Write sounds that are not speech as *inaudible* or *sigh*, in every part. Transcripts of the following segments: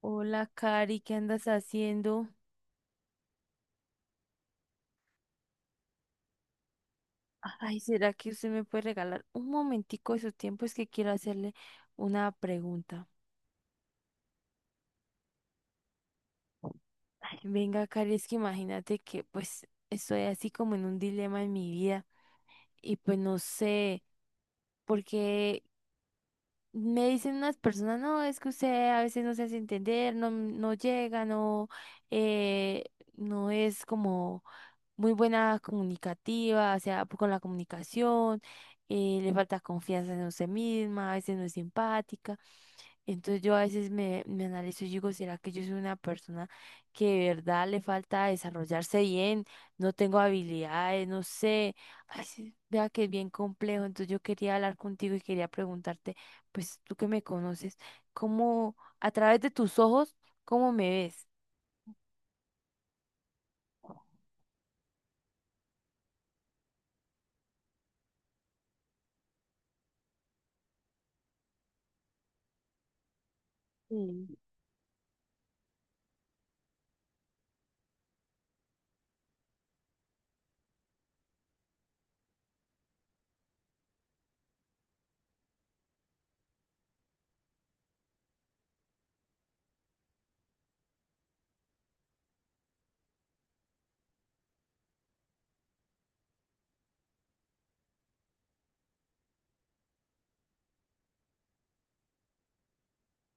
Hola, Cari, ¿qué andas haciendo? Ay, ¿será que usted me puede regalar un momentico de su tiempo? Es que quiero hacerle una pregunta. Ay, venga, Cari, es que imagínate que pues estoy así como en un dilema en mi vida y pues no sé porque me dicen unas personas, no, es que usted a veces no se hace entender, no, no llega, no, eh, no es como muy buena comunicativa, o sea, con la comunicación, le falta confianza en usted misma, a veces no es simpática. Entonces yo a veces me analizo y digo, ¿será que yo soy una persona que de verdad le falta desarrollarse bien? No tengo habilidades, no sé. Ay, sí, vea que es bien complejo. Entonces yo quería hablar contigo y quería preguntarte, pues tú que me conoces, ¿cómo, a través de tus ojos, cómo me ves?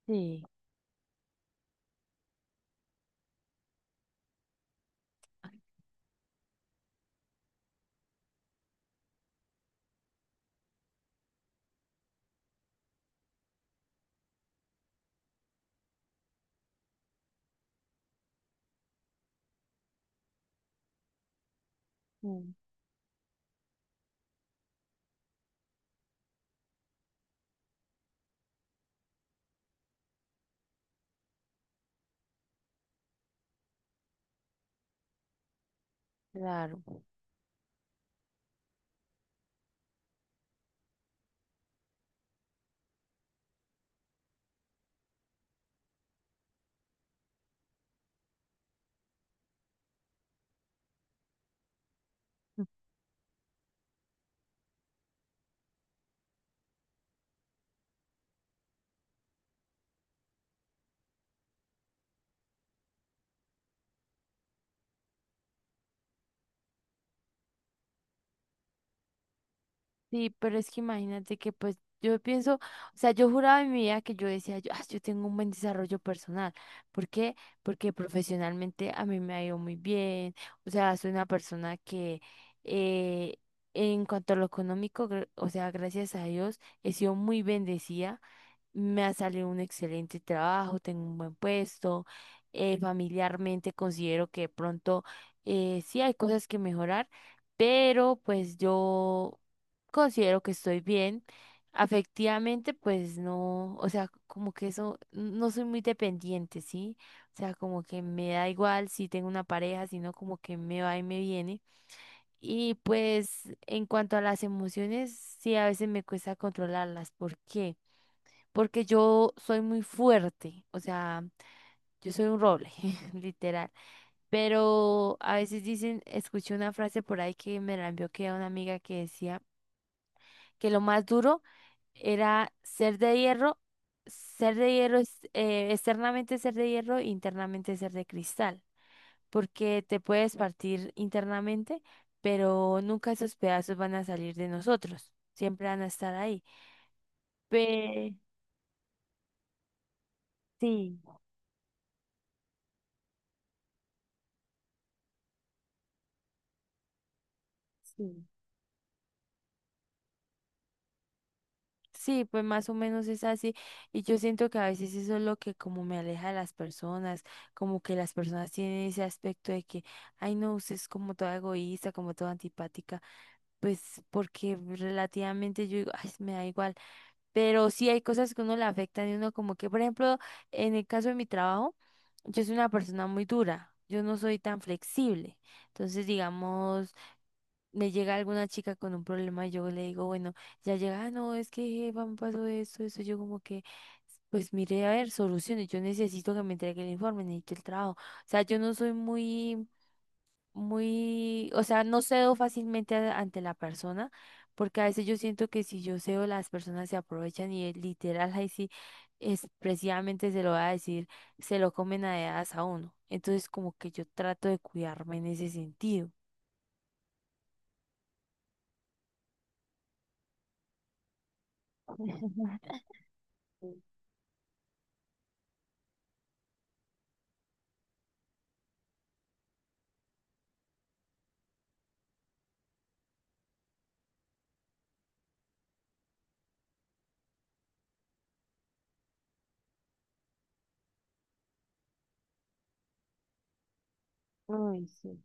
Sí, mm, claro. Sí, pero es que imagínate que pues yo pienso, o sea, yo juraba en mi vida que yo decía, yo, "Ah, yo tengo un buen desarrollo personal. ¿Por qué? Porque profesionalmente a mí me ha ido muy bien. O sea, soy una persona que eh, en cuanto a lo económico, o sea, gracias a Dios, he sido muy bendecida, me ha salido un excelente trabajo, tengo un buen puesto, familiarmente considero que de pronto sí hay cosas que mejorar, pero pues yo considero que estoy bien. Afectivamente, pues no, o sea, como que eso, no soy muy dependiente, ¿sí? O sea, como que me da igual si tengo una pareja, sino como que me va y me viene. Y pues en cuanto a las emociones, sí, a veces me cuesta controlarlas. ¿Por qué? Porque yo soy muy fuerte, o sea, yo soy un roble, *laughs* literal. Pero a veces dicen, escuché una frase por ahí que me la envió, que era una amiga que decía que lo más duro era ser de hierro, externamente ser de hierro, e internamente ser de cristal, porque te puedes partir internamente, pero nunca esos pedazos van a salir de nosotros, siempre van a estar ahí. Pe- sí, sí. Sí, pues más o menos es así. Y yo siento que a veces eso es lo que como me aleja de las personas, como que las personas tienen ese aspecto de que, ay no, usted es como toda egoísta, como toda antipática, pues porque relativamente yo digo, ay, me da igual. Pero sí hay cosas que uno le afectan y uno como que, por ejemplo, en el caso de mi trabajo, yo soy una persona muy dura, yo no soy tan flexible. Entonces, digamos me llega alguna chica con un problema y yo le digo, bueno, ya llega, "Ah, no, es que jefa, me pasó esto, eso", yo como que, pues mire, a ver, soluciones, yo necesito que me entregue el informe, necesito el trabajo. O sea, yo no soy muy, muy, o sea, no cedo fácilmente ante la persona, porque a veces yo siento que si yo cedo, las personas se aprovechan y literal, ahí sí, expresivamente se lo va a decir, se lo comen a dedazo a uno. Entonces, como que yo trato de cuidarme en ese sentido. *laughs* Ay, sí.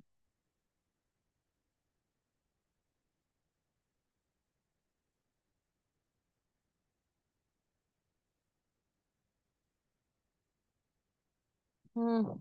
Mm,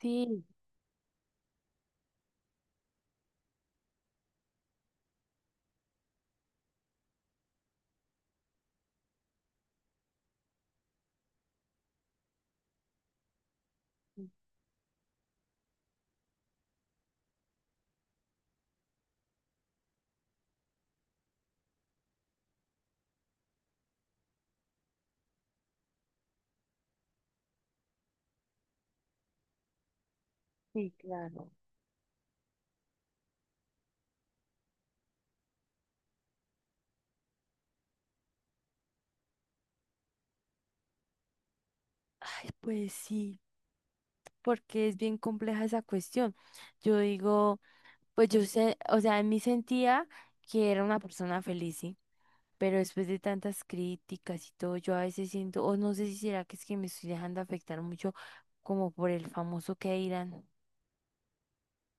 sí, sí, claro. Ay, pues sí, porque es bien compleja esa cuestión. Yo digo, pues yo sé, o sea, en mí sentía que era una persona feliz, sí, pero después de tantas críticas y todo, yo a veces siento, o no sé si será que es que me estoy dejando afectar mucho como por el famoso que dirán.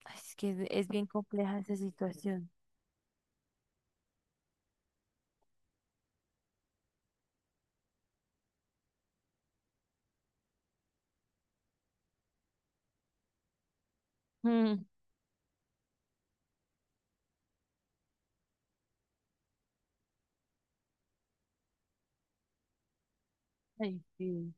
Ay, es que es bien compleja esa situación. Mm, ay, sí.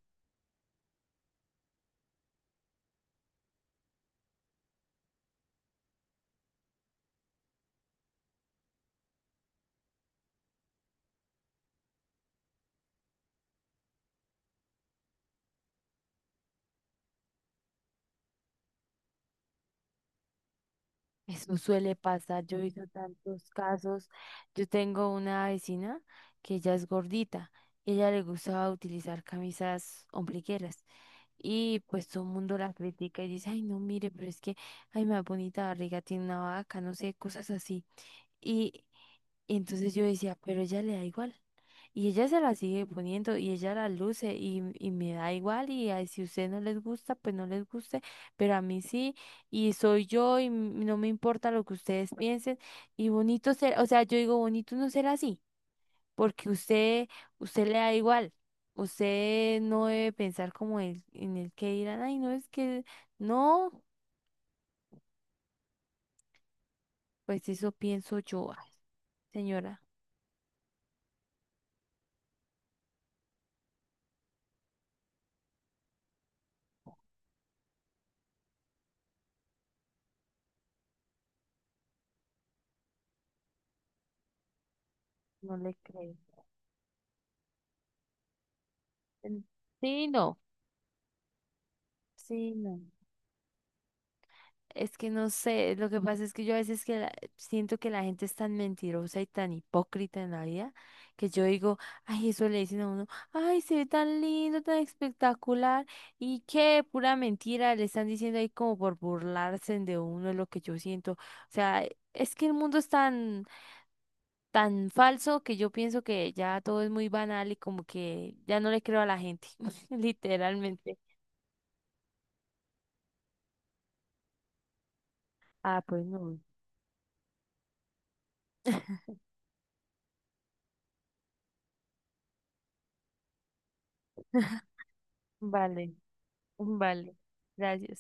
Eso suele pasar, yo he visto tantos casos. Yo tengo una vecina que ella es gordita y a ella le gustaba utilizar camisas ombligueras y pues todo el mundo la critica y dice, ay no, mire, pero es que, ay, más bonita barriga tiene una vaca, no sé, cosas así. Y entonces yo decía, pero ella le da igual. Y ella se la sigue poniendo y ella la luce y me da igual y ay, si a usted no les gusta, pues no les guste, pero a mí sí, y soy yo y no me importa lo que ustedes piensen, y bonito ser, o sea, yo digo bonito no ser así, porque usted, usted le da igual, usted no debe pensar como el, en el que dirán, ay, no es que, no, pues eso pienso yo. Ay, señora, no le creo. En- Sí, no. Sí, no. Es que no sé, lo que pasa es que yo a veces que siento que la gente es tan mentirosa y tan hipócrita en la vida que yo digo, ay, eso le dicen a uno, ay, se ve tan lindo, tan espectacular y qué pura mentira, le están diciendo ahí como por burlarse de uno, es lo que yo siento. O sea, es que el mundo es tan, tan falso que yo pienso que ya todo es muy banal y como que ya no le creo a la gente, *laughs* literalmente. Ah, pues no. *laughs* Vale. Vale, gracias.